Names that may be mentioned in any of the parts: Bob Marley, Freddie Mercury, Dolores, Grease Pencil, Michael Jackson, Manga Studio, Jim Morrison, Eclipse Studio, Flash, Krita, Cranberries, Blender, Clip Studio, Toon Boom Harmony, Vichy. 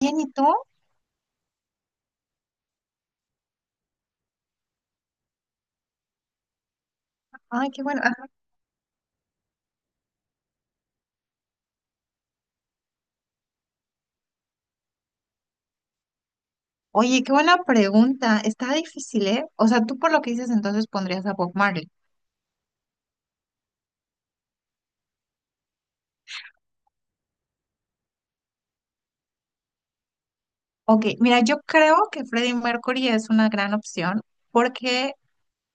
Bien, ¿y tú? Ay, qué bueno. Oye, qué buena pregunta. Está difícil, ¿eh? O sea, tú por lo que dices entonces pondrías a Bob Marley. Ok, mira, yo creo que Freddie Mercury es una gran opción porque,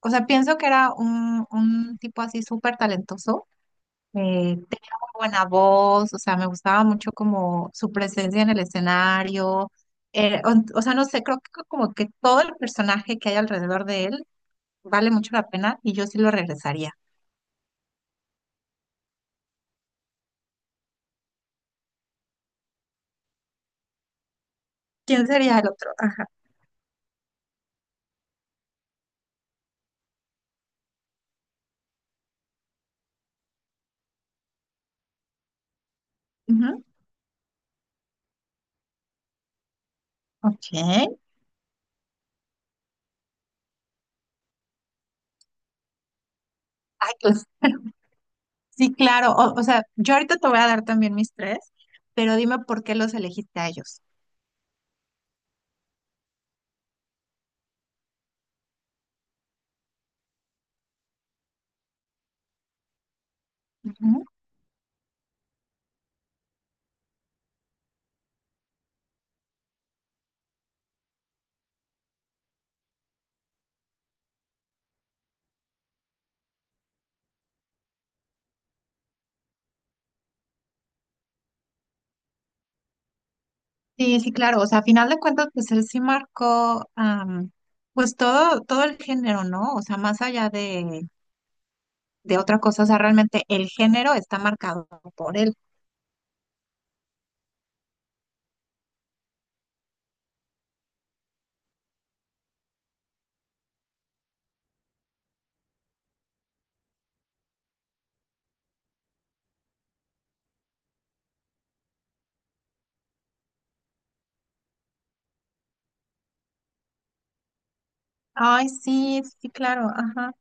o sea, pienso que era un tipo así súper talentoso. Tenía muy buena voz, o sea, me gustaba mucho como su presencia en el escenario. O sea, no sé, creo que como que todo el personaje que hay alrededor de él vale mucho la pena y yo sí lo regresaría. ¿Quién sería el otro? Ajá. Ujú. Ok. Pues, sí, claro. O sea, yo ahorita te voy a dar también mis tres, pero dime por qué los elegiste a ellos. Ujú. Sí, sí, claro. O sea, a final de cuentas, pues él sí marcó, pues todo, todo el género, ¿no? O sea, más allá de otra cosa, o sea, realmente el género está marcado por él. Ay, sí, sí, claro. Ajá.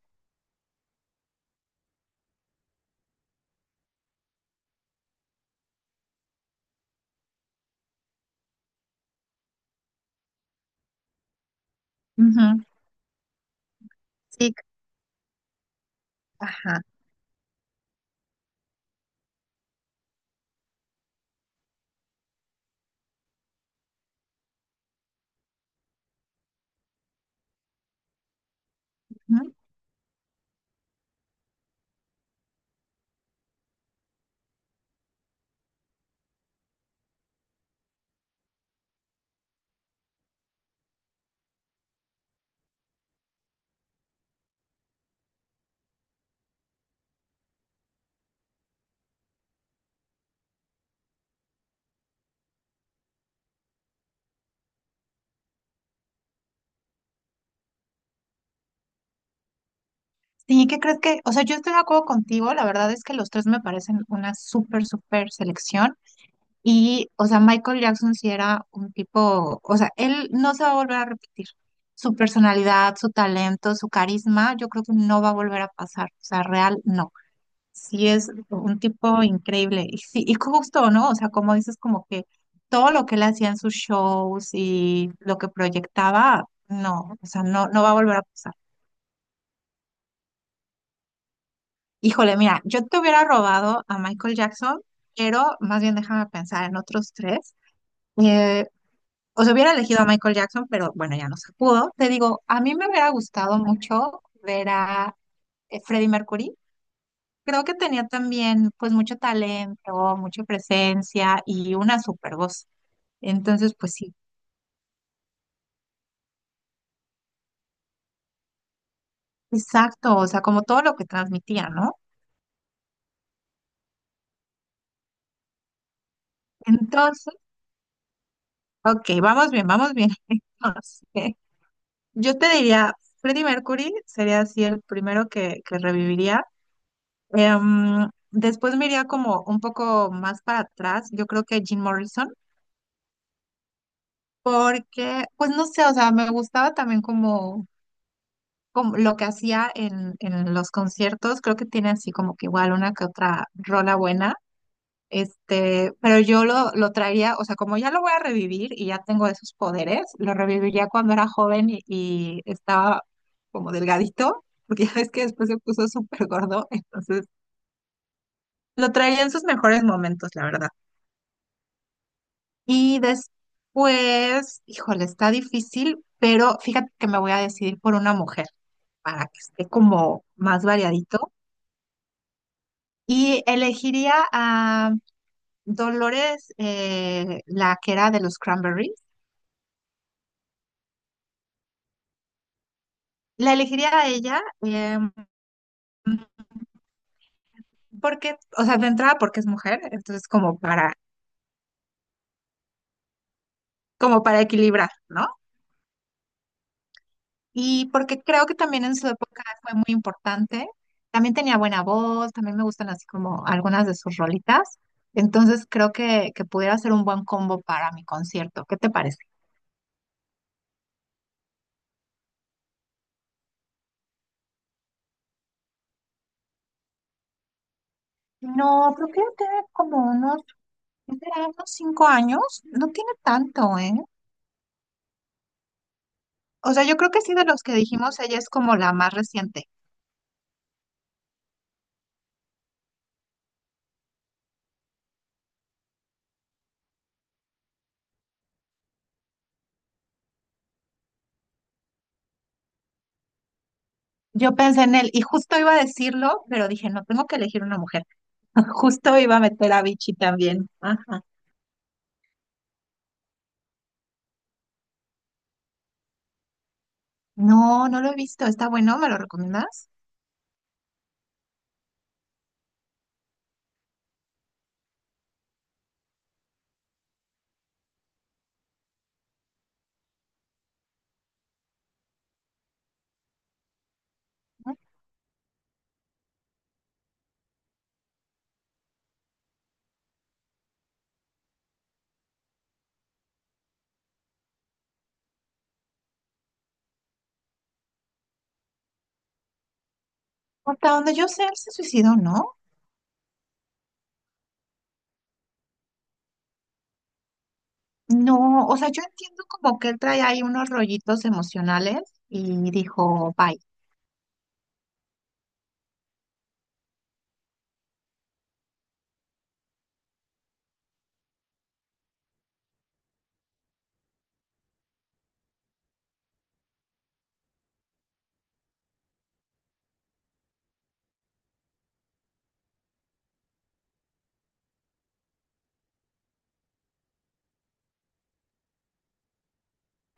Ujú. Sí, ajá. Ujú. Sí, ¿qué crees que? O sea, yo estoy de acuerdo contigo. La verdad es que los tres me parecen una súper, súper selección. Y, o sea, Michael Jackson sí era un tipo, o sea, él no se va a volver a repetir. Su personalidad, su talento, su carisma, yo creo que no va a volver a pasar. O sea, real, no. Sí es un tipo increíble. Y sí, y justo, ¿no? O sea, como dices, como que todo lo que él hacía en sus shows y lo que proyectaba, no, o sea, no, no va a volver a pasar. Híjole, mira, yo te hubiera robado a Michael Jackson, pero más bien déjame pensar en otros tres. Eh, O sea, hubiera elegido a Michael Jackson, pero bueno, ya no se pudo. Te digo, a mí me hubiera gustado mucho ver a Freddie Mercury. Creo que tenía también pues mucho talento, mucha presencia y una super voz. Entonces, pues sí, exacto, o sea, como todo lo que transmitía, ¿no? Entonces, ok, vamos bien, vamos bien. Entonces, yo te diría, Freddie Mercury sería así el primero que reviviría. Después me iría como un poco más para atrás, yo creo que Jim Morrison. Porque, pues no sé, o sea, me gustaba también como, como lo que hacía en los conciertos, creo que tiene así como que igual una que otra rola buena, este, pero yo lo traía, o sea, como ya lo voy a revivir y ya tengo esos poderes, lo reviviría cuando era joven y estaba como delgadito, porque ya ves que después se puso súper gordo, entonces lo traía en sus mejores momentos, la verdad. Y después, híjole, está difícil, pero fíjate que me voy a decidir por una mujer, para que esté como más variadito. Y elegiría a Dolores, la que era de los Cranberries. La elegiría a ella, eh, porque, o sea, de entrada porque es mujer, entonces como para, como para equilibrar, ¿no? Y porque creo que también en su época fue muy importante. También tenía buena voz, también me gustan así como algunas de sus rolitas. Entonces creo que pudiera ser un buen combo para mi concierto. ¿Qué te parece? No, creo que tiene como unos... Es de unos 5 años, no tiene tanto, ¿eh? O sea, yo creo que sí, de los que dijimos, ella es como la más reciente. Yo pensé en él y justo iba a decirlo, pero dije, no, tengo que elegir una mujer. Justo iba a meter a Vichy también. Ajá. No, no lo he visto. Está bueno, ¿me lo recomiendas? ¿No? Hasta donde yo sé, él se suicidó, ¿no? No, o sea, yo entiendo como que él trae ahí unos rollitos emocionales y dijo, bye.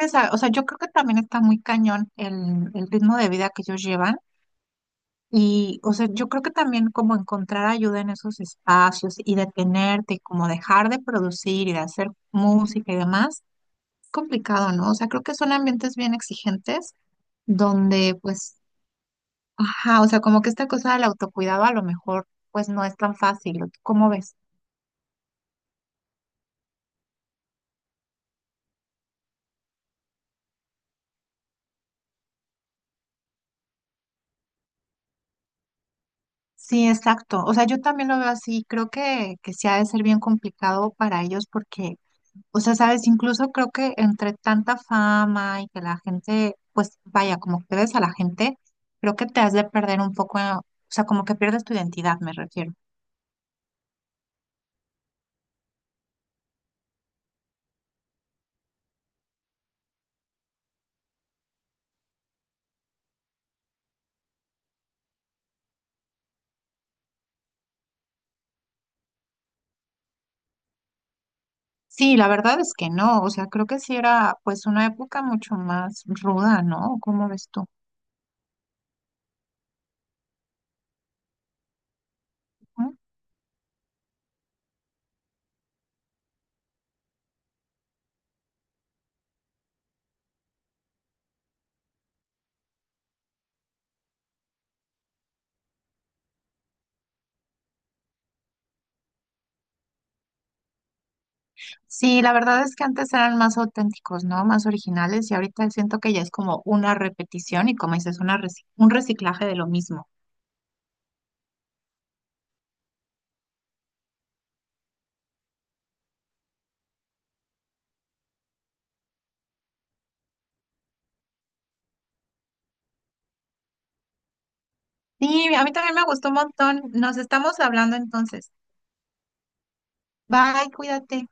Esa- o sea, yo creo que también está muy cañón el ritmo de vida que ellos llevan. Y, o sea, yo creo que también como encontrar ayuda en esos espacios y detenerte, como dejar de producir y de hacer música y demás, es complicado, ¿no? O sea, creo que son ambientes bien exigentes donde, pues, ajá, o sea, como que esta cosa del autocuidado a lo mejor, pues, no es tan fácil. ¿O tú cómo ves? Sí, exacto. O sea, yo también lo veo así. Creo que sí ha de ser bien complicado para ellos porque... O sea, sabes, incluso creo que entre tanta fama y que la gente, pues vaya, como que ves a la gente, creo que te has de perder un poco, o sea, como que pierdes tu identidad, me refiero. Sí, la verdad es que no, o sea, creo que sí era pues una época mucho más ruda, ¿no? ¿Cómo ves tú? Ujú. Sí, la verdad es que antes eran más auténticos, ¿no? Más originales y ahorita siento que ya es como una repetición y, como dices, una reci- un reciclaje de lo mismo. Sí, a mí también me gustó un montón. Nos estamos hablando entonces. Bye, cuídate.